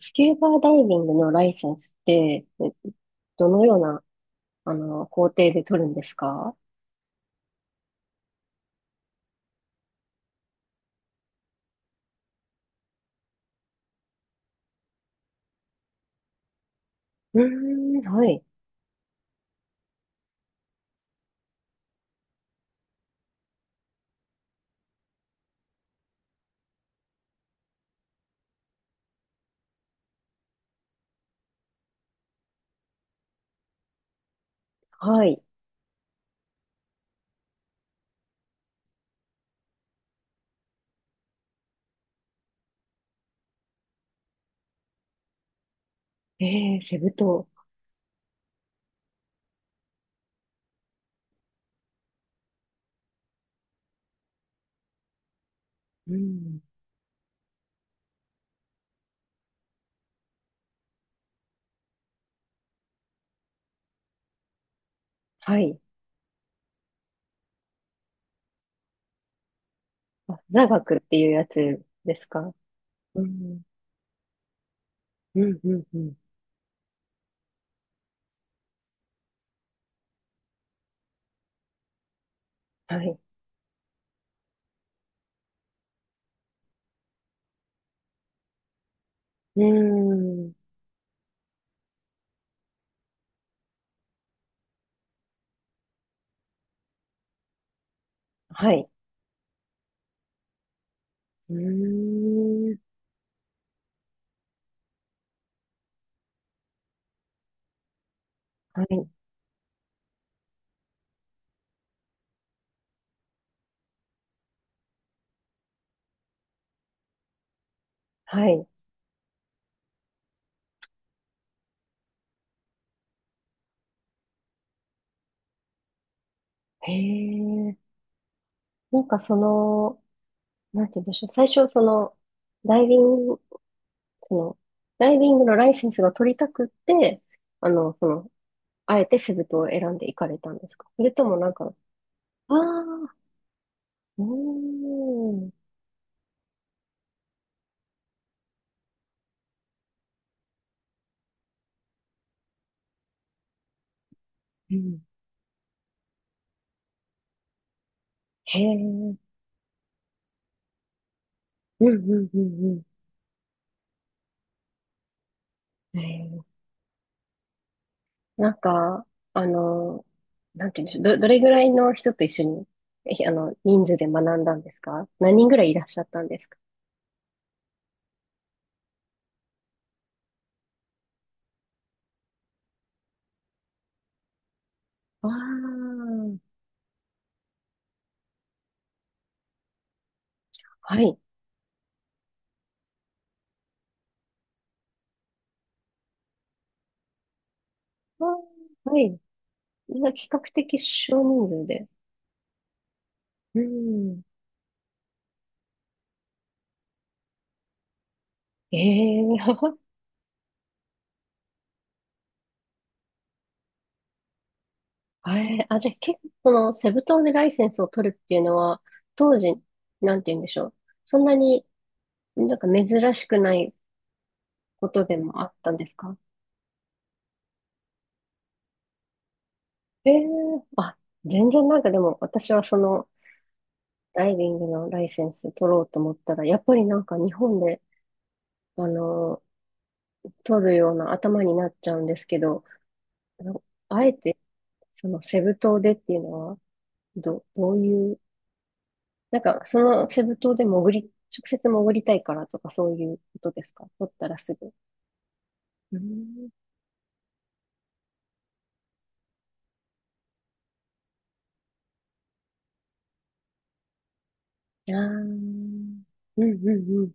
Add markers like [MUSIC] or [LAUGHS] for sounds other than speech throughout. スキューバダイビングのライセンスって、どのような、工程で取るんですか？うーん、はい、はい。えー、セブ島。うん、はい。あ、座学っていうやつですか？うん、うん、うん、うん。はい。うーん、はい。うーん、はい、はい。へえ、なんかその、なんて言うんでしょう。最初、その、ダイビングその、ダイビングのライセンスが取りたくって、その、あえてセブ島を選んで行かれたんですか？それともなんか、ああ、うーん、うん、へえ、うんうんうんうん。へえ、なんか、あの、なんていうんでしょう、どれぐらいの人と一緒に、えひあの、人数で学んだんですか？何人ぐらいいらっしゃったんですか？ああー、はい。あーはい。みんな比較的少人数で。うん。ええ。 [LAUGHS] じゃあ結構、その、セブ島でライセンスを取るっていうのは、当時、なんて言うんでしょう。そんなになんか珍しくないことでもあったんですか？ええ、あ、全然なんかでも、私はその、ダイビングのライセンス取ろうと思ったら、やっぱりなんか日本で、あの、取るような頭になっちゃうんですけど、あのあえて、その、セブ島でっていうのは、どういうなんか、そのセブ島で潜り、直接潜りたいからとかそういうことですか？取ったらすぐ。うん。ああ、うんうんうん。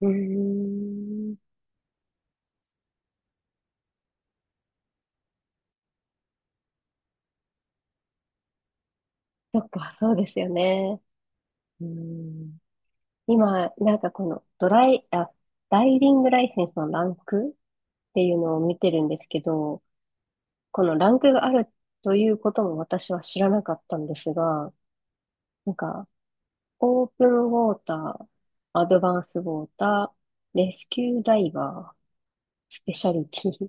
うーん。そっか、そうですよね。うん。今、なんかこのドライ、あ、ダイビングライセンスのランクっていうのを見てるんですけど、このランクがあるということも私は知らなかったんですが、なんかオープンウォーター、アドバンスウォーター、レスキューダイバー、スペシャリティ、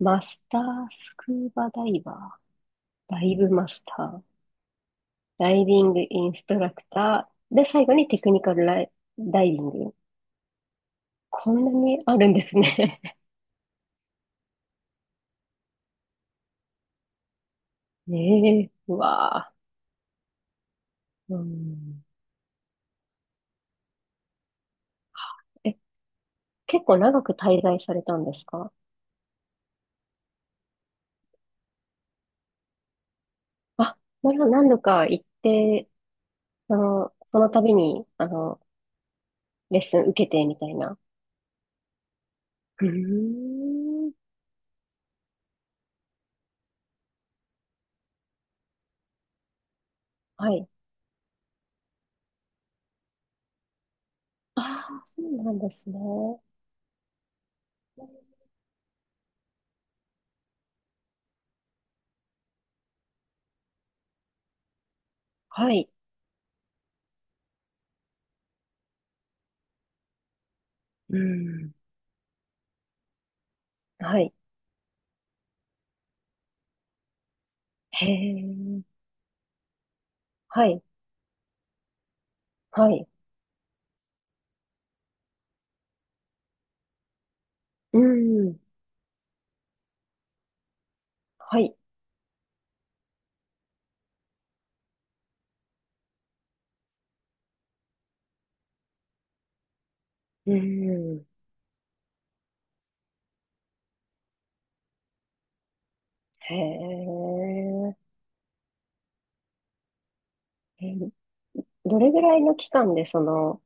マスタースクーバダイバー、ダイブマスター、ダイビングインストラクター、で、最後にテクニカルダイビング。こんなにあるんですね。[LAUGHS] ねえ、うわあ。うん。え、結構長く滞在されたんですか？あ、なら何度か行って、あの、その度に、あの、レッスン受けてみたいな。うーん。はい。ああ、そうなんですね。はい。うーん。はい。へえ。はい。はい。うーん。はい。うーん。へえ。えー、どれぐらいの期間でその、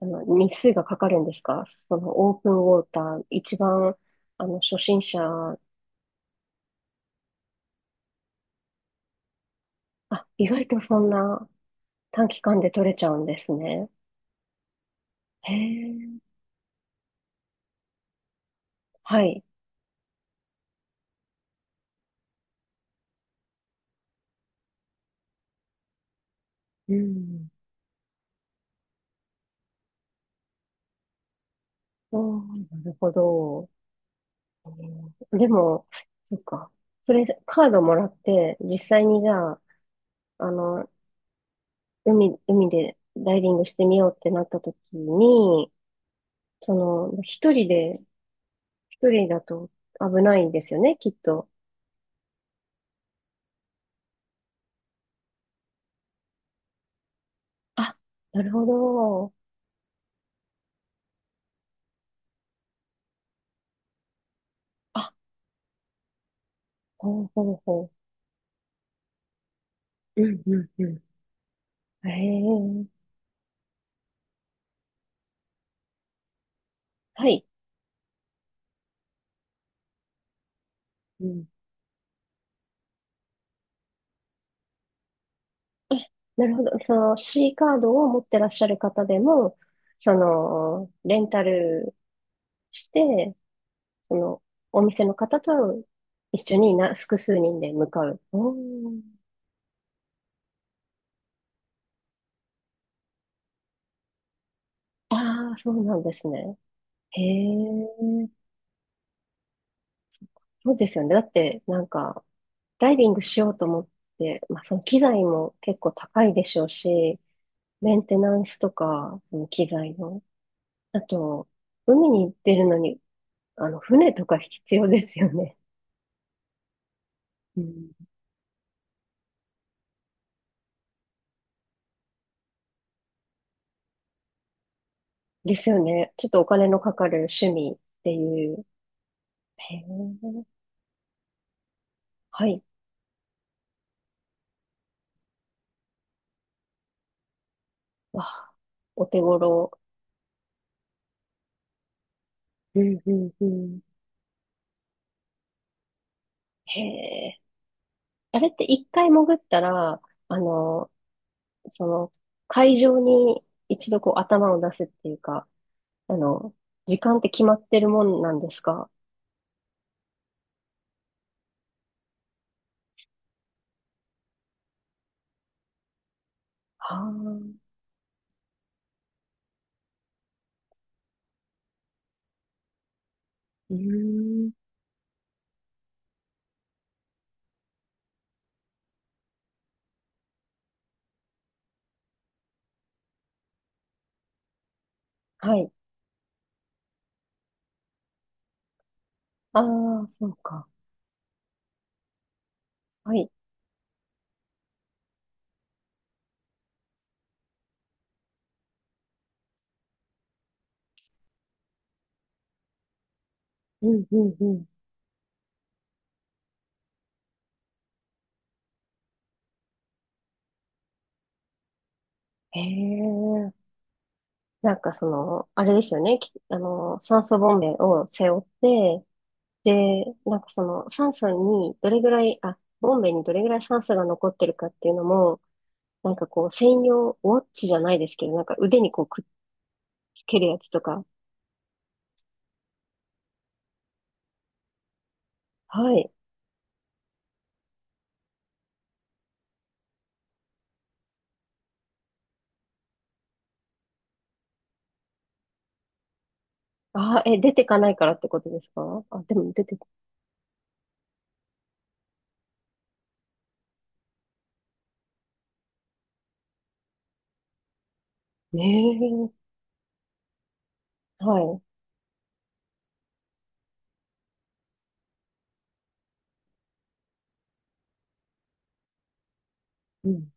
あの、日数がかかるんですか？そのオープンウォーター、一番、あの、初心者、あ、意外とそんな短期間で取れちゃうんですね。へえ。はい。うん。おー、なるほど。でも、そっか。それ、カードもらって、実際にじゃあ、あの、海でダイビングしてみようってなった時に、その、一人だと危ないんですよね、きっと。あ、なるほど。あ、ほうほうほう。うんうんうん。へえ、はい。うん。なるほど。その C カードを持ってらっしゃる方でも、その、レンタルして、その、お店の方と一緒にな、複数人で向かう。おー。ああ、そうなんですね。へえ、そうですよね。だって、なんか、ダイビングしようと思って、まあ、その機材も結構高いでしょうし、メンテナンスとか、その機材の。あと、海に出るのに、あの、船とか必要ですよね。うん。ですよね。ちょっとお金のかかる趣味っていう。へえ、はい。わあ、お手頃。うんうんうん。へえ。あれって一回潜ったら、あの、その、海上に一度こう頭を出すっていうか、あの、時間って決まってるもんなんですか？はあ。うーん。はい。ああ、そうか。はい。うんうんうん。へえ。なんかその、あれですよね。きあの、酸素ボンベを背負って、で、なんかその、酸素にどれぐらい、あ、ボンベにどれぐらい酸素が残ってるかっていうのも、なんかこう、専用、ウォッチじゃないですけど、なんか腕にこうくっつけるやつとか。はい。あー、え、出てかないからってことですか？あ、でも出て、ねえ、はい。うん。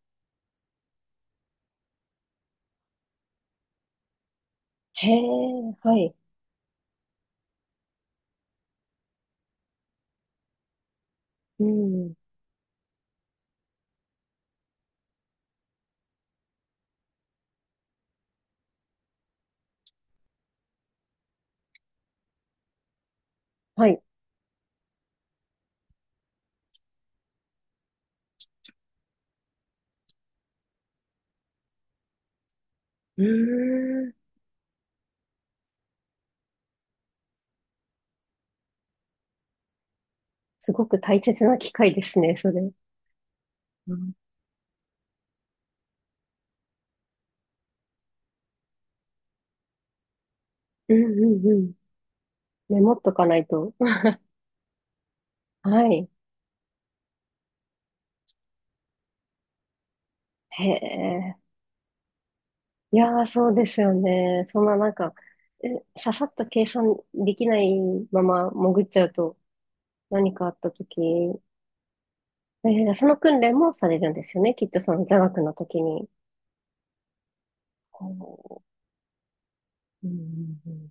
へえ、はい。うん。はい。うーん。すごく大切な機会ですね、それ。うん、うん、うんうん。メモっとかないと。[LAUGHS] はい。へえ。いやー、そうですよね。そんななんか、えささっと計算できないまま潜っちゃうと、何かあった時、じゃあその訓練もされるんですよね？きっとその座学の時に。こううんうんうん